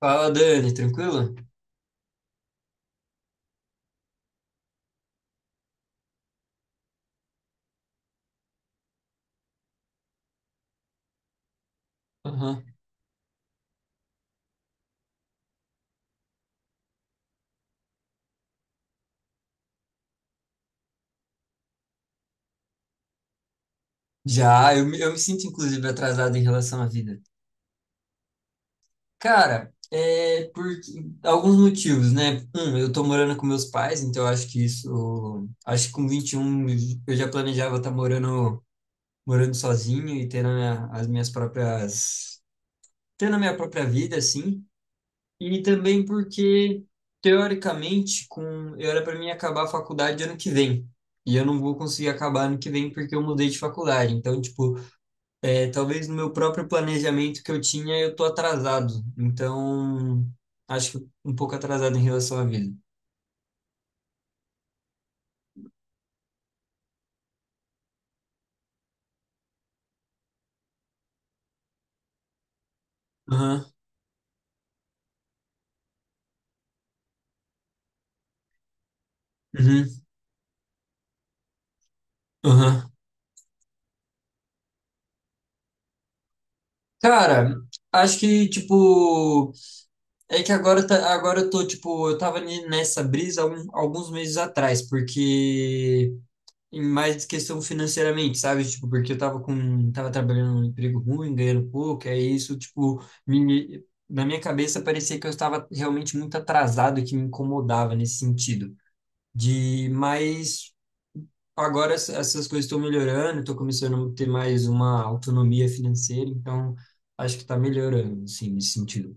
Fala, Dani, tranquilo? Aham. Já, eu me sinto inclusive atrasado em relação à vida. Cara, é por alguns motivos, né? Um, eu tô morando com meus pais, então eu acho que isso. Acho que com 21, eu já planejava estar morando sozinho e tendo as minhas próprias. Tendo a minha própria vida, assim. E também porque, teoricamente, eu era para mim acabar a faculdade ano que vem. E eu não vou conseguir acabar ano que vem porque eu mudei de faculdade. Então, tipo. É, talvez no meu próprio planejamento que eu tinha, eu tô atrasado. Então, acho que um pouco atrasado em relação à vida. Aham, uhum, aham. Cara, acho que, tipo, é que agora, tá, agora eu tô, tipo, eu tava nessa brisa alguns meses atrás, porque e mais questão financeiramente, sabe? Tipo, porque eu tava tava trabalhando num emprego ruim, ganhando pouco, é isso, tipo, na minha cabeça parecia que eu estava realmente muito atrasado, e que me incomodava nesse sentido. Mas agora essas coisas estão melhorando, estou começando a ter mais uma autonomia financeira, então acho que está melhorando, assim, nesse sentido.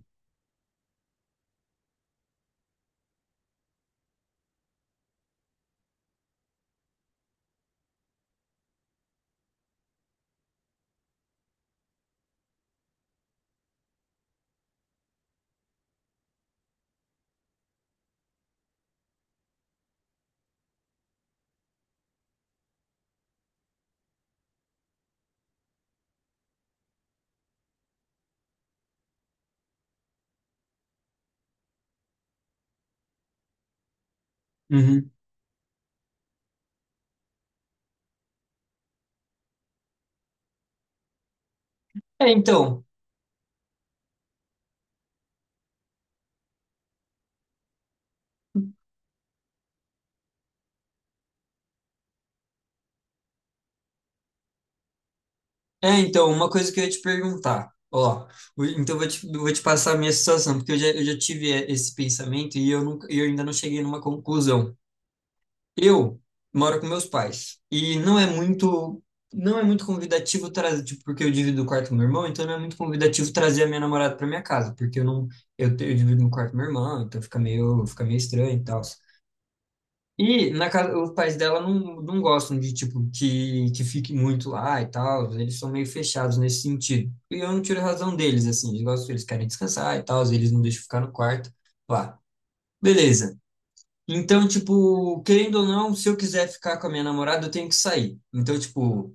Uhum. É, então. É, então, uma coisa que eu ia te perguntar, ó, então eu vou te passar a minha situação, porque eu já tive esse pensamento e eu, nunca, eu ainda não cheguei numa conclusão. Eu moro com meus pais e não é muito convidativo trazer, tipo, porque eu divido o quarto com meu irmão, então não é muito convidativo trazer a minha namorada para minha casa, porque eu não, eu divido no quarto com meu irmão, então fica meio estranho e tal. E na casa, os pais dela não gostam de, tipo, que fique muito lá e tal. Eles são meio fechados nesse sentido. E eu não tiro a razão deles, assim. Eles gostam, eles querem descansar e tal. Eles não deixam ficar no quarto lá. Beleza. Então, tipo, querendo ou não, se eu quiser ficar com a minha namorada, eu tenho que sair. Então, tipo,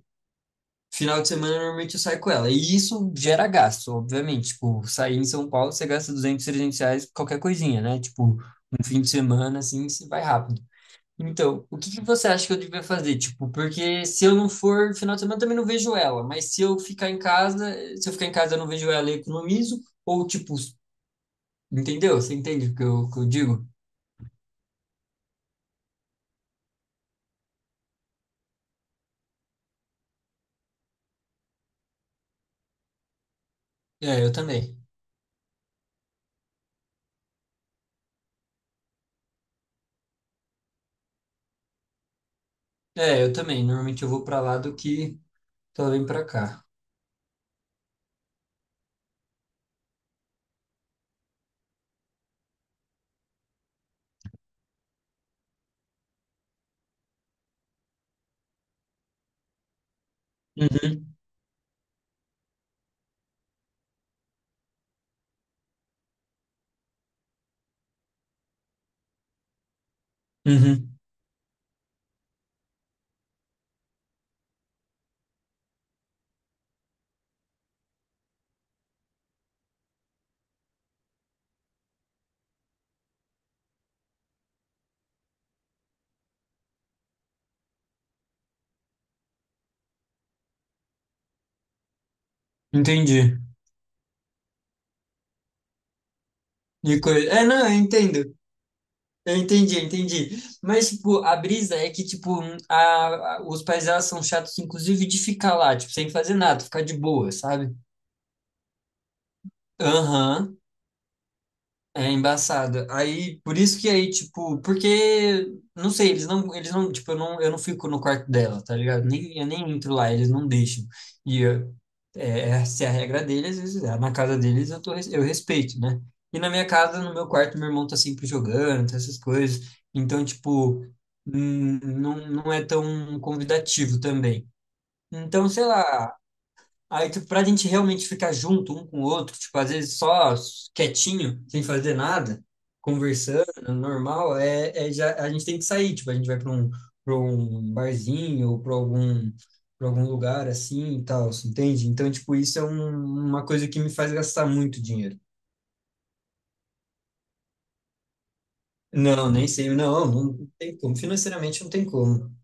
final de semana, normalmente eu saio com ela. E isso gera gasto, obviamente. Tipo, sair em São Paulo, você gasta 200, R$ 300, qualquer coisinha, né? Tipo, um fim de semana, assim, você vai rápido. Então, o que que você acha que eu devia fazer? Tipo, porque se eu não for no final de semana, eu também não vejo ela. Mas se eu ficar em casa, se eu ficar em casa, eu não vejo ela e economizo. Ou, tipo, entendeu? Você entende o que eu digo? É, eu também. É, eu também. Normalmente eu vou pra lá do que eu venho pra cá. Uhum, uhum. Entendi. É, não, eu entendo. Eu entendi, eu entendi. Mas, tipo, a brisa é que, tipo, os pais delas são chatos, inclusive, de ficar lá, tipo, sem fazer nada, ficar de boa, sabe? Aham. É embaçado. Aí, por isso que aí, tipo, porque, não sei, eles não, tipo, eu não fico no quarto dela, tá ligado? Nem, eu nem entro lá, eles não deixam. E eu- é, essa é a regra deles, às vezes na casa deles eu respeito, né? E na minha casa, no meu quarto, meu irmão tá sempre jogando, tá essas coisas. Então, tipo, não, não é tão convidativo também. Então, sei lá, aí, tipo, pra gente realmente ficar junto um com o outro, tipo, às vezes só quietinho, sem fazer nada, conversando, normal, já, a gente tem que sair, tipo, a gente vai pra um barzinho ou pra algum lugar assim e tal, você entende? Então, tipo, isso é uma coisa que me faz gastar muito dinheiro. Não, nem sei, não, não tem como, financeiramente não tem como.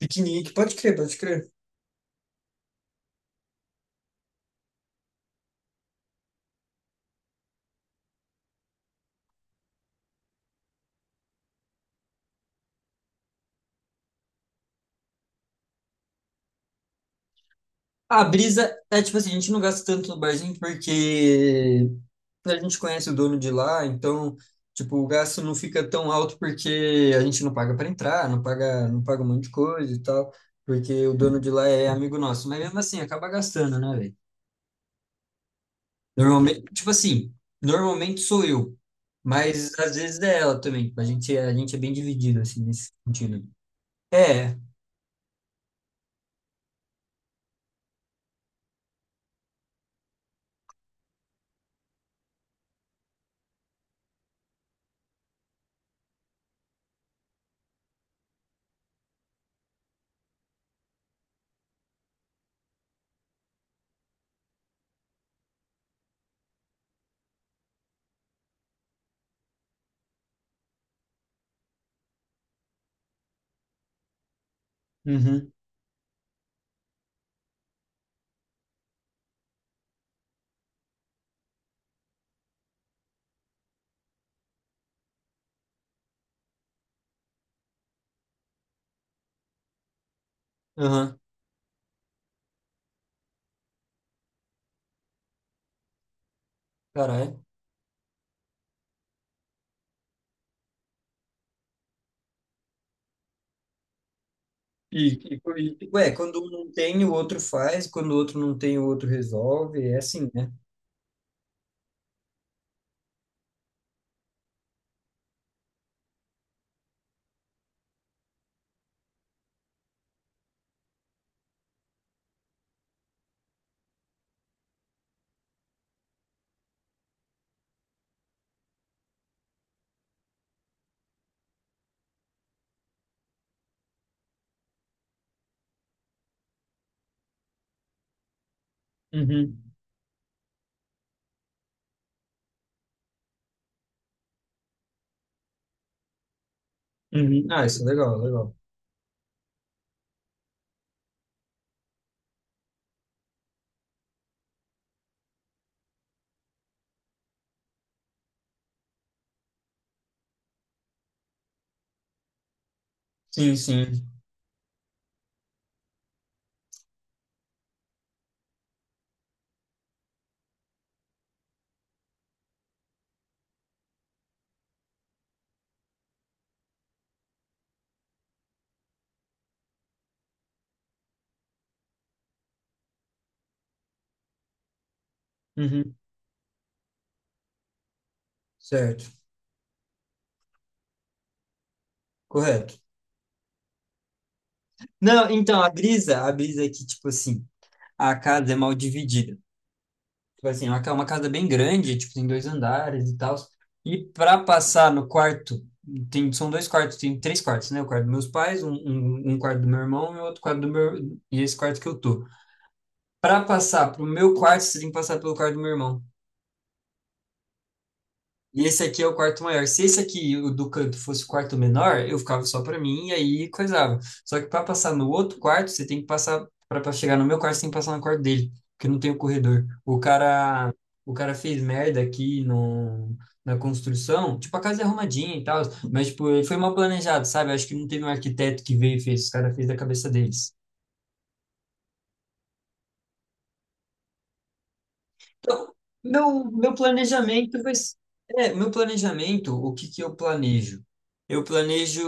Piquenique, pode crer, pode crer. A brisa é tipo assim, a gente não gasta tanto no barzinho porque a gente conhece o dono de lá, então, tipo, o gasto não fica tão alto porque a gente não paga para entrar, não paga um monte de coisa e tal, porque o dono de lá é amigo nosso. Mas mesmo assim, acaba gastando, né, velho? Normalmente, tipo assim, normalmente sou eu, mas às vezes é ela também. Tipo, a gente é bem dividido, assim, nesse sentido. É, é. Uhum, aham, caralho. E, ué, quando um não tem, o outro faz, quando o outro não tem, o outro resolve, é assim, né? Uhum. Uhum. Ah, isso é legal, legal. Sim, sim. Uhum. Certo, correto. Não, então, a brisa é que, tipo assim, a casa é mal dividida. Tipo assim, é uma casa bem grande, tipo, tem dois andares e tal. E para passar no quarto, tem, são dois quartos, tem três quartos, né? O quarto dos meus pais, um quarto do meu irmão e outro quarto do meu. E esse quarto que eu tô. Para passar pro meu quarto, você tem que passar pelo quarto do meu irmão. E esse aqui é o quarto maior. Se esse aqui, o do canto, fosse o quarto menor, eu ficava só para mim e aí coisava. Só que para passar no outro quarto, você tem que passar para chegar no meu quarto, você tem que passar no quarto dele, porque não tem o corredor. O cara fez merda aqui no, na construção, tipo a casa é arrumadinha e tal, mas tipo, ele foi mal planejado, sabe? Acho que não teve um arquiteto que veio e fez, os caras fez da cabeça deles. Então, meu planejamento vai ser. É, meu planejamento, o que que eu planejo? Eu planejo.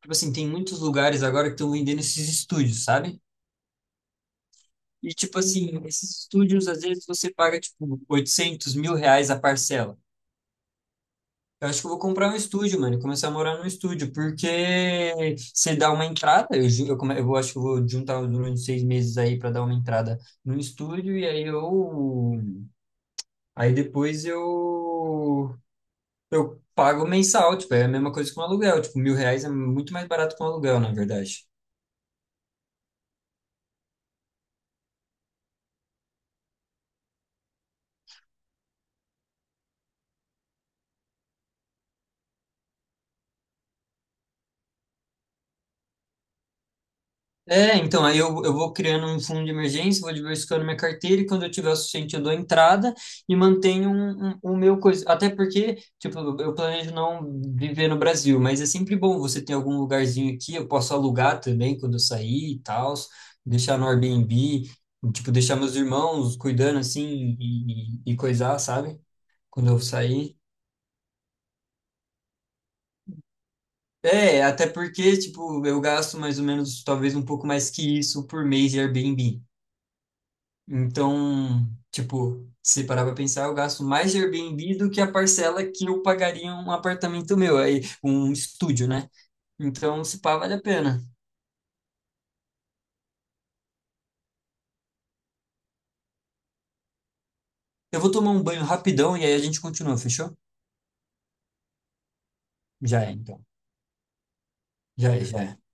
Tipo assim, tem muitos lugares agora que estão vendendo esses estúdios, sabe? E, tipo assim, esses estúdios, às vezes você paga, tipo, R$ 800.000 a parcela. Eu acho que eu vou comprar um estúdio, mano, e começar a morar num estúdio, porque você dá uma entrada, eu, ju- eu, come- eu vou- acho que eu vou juntar durante 6 meses aí para dar uma entrada num estúdio, e aí eu. Aí depois eu pago mensal, tipo, é a mesma coisa que um aluguel. Tipo, R$ 1.000 é muito mais barato que um aluguel, na verdade. É, então, aí eu vou criando um fundo de emergência, vou diversificando minha carteira e quando eu tiver o suficiente eu dou entrada e mantenho o meu coisa. Até porque, tipo, eu planejo não viver no Brasil, mas é sempre bom você ter algum lugarzinho aqui, eu posso alugar também quando eu sair e tal, deixar no Airbnb, tipo, deixar meus irmãos cuidando assim e coisar, sabe? Quando eu sair. É, até porque, tipo, eu gasto mais ou menos, talvez um pouco mais que isso por mês de Airbnb. Então, tipo, se parar pra pensar, eu gasto mais de Airbnb do que a parcela que eu pagaria um apartamento meu, aí, um estúdio, né? Então, se pá, vale a pena. Eu vou tomar um banho rapidão e aí a gente continua, fechou? Já é, então. Já é, já é.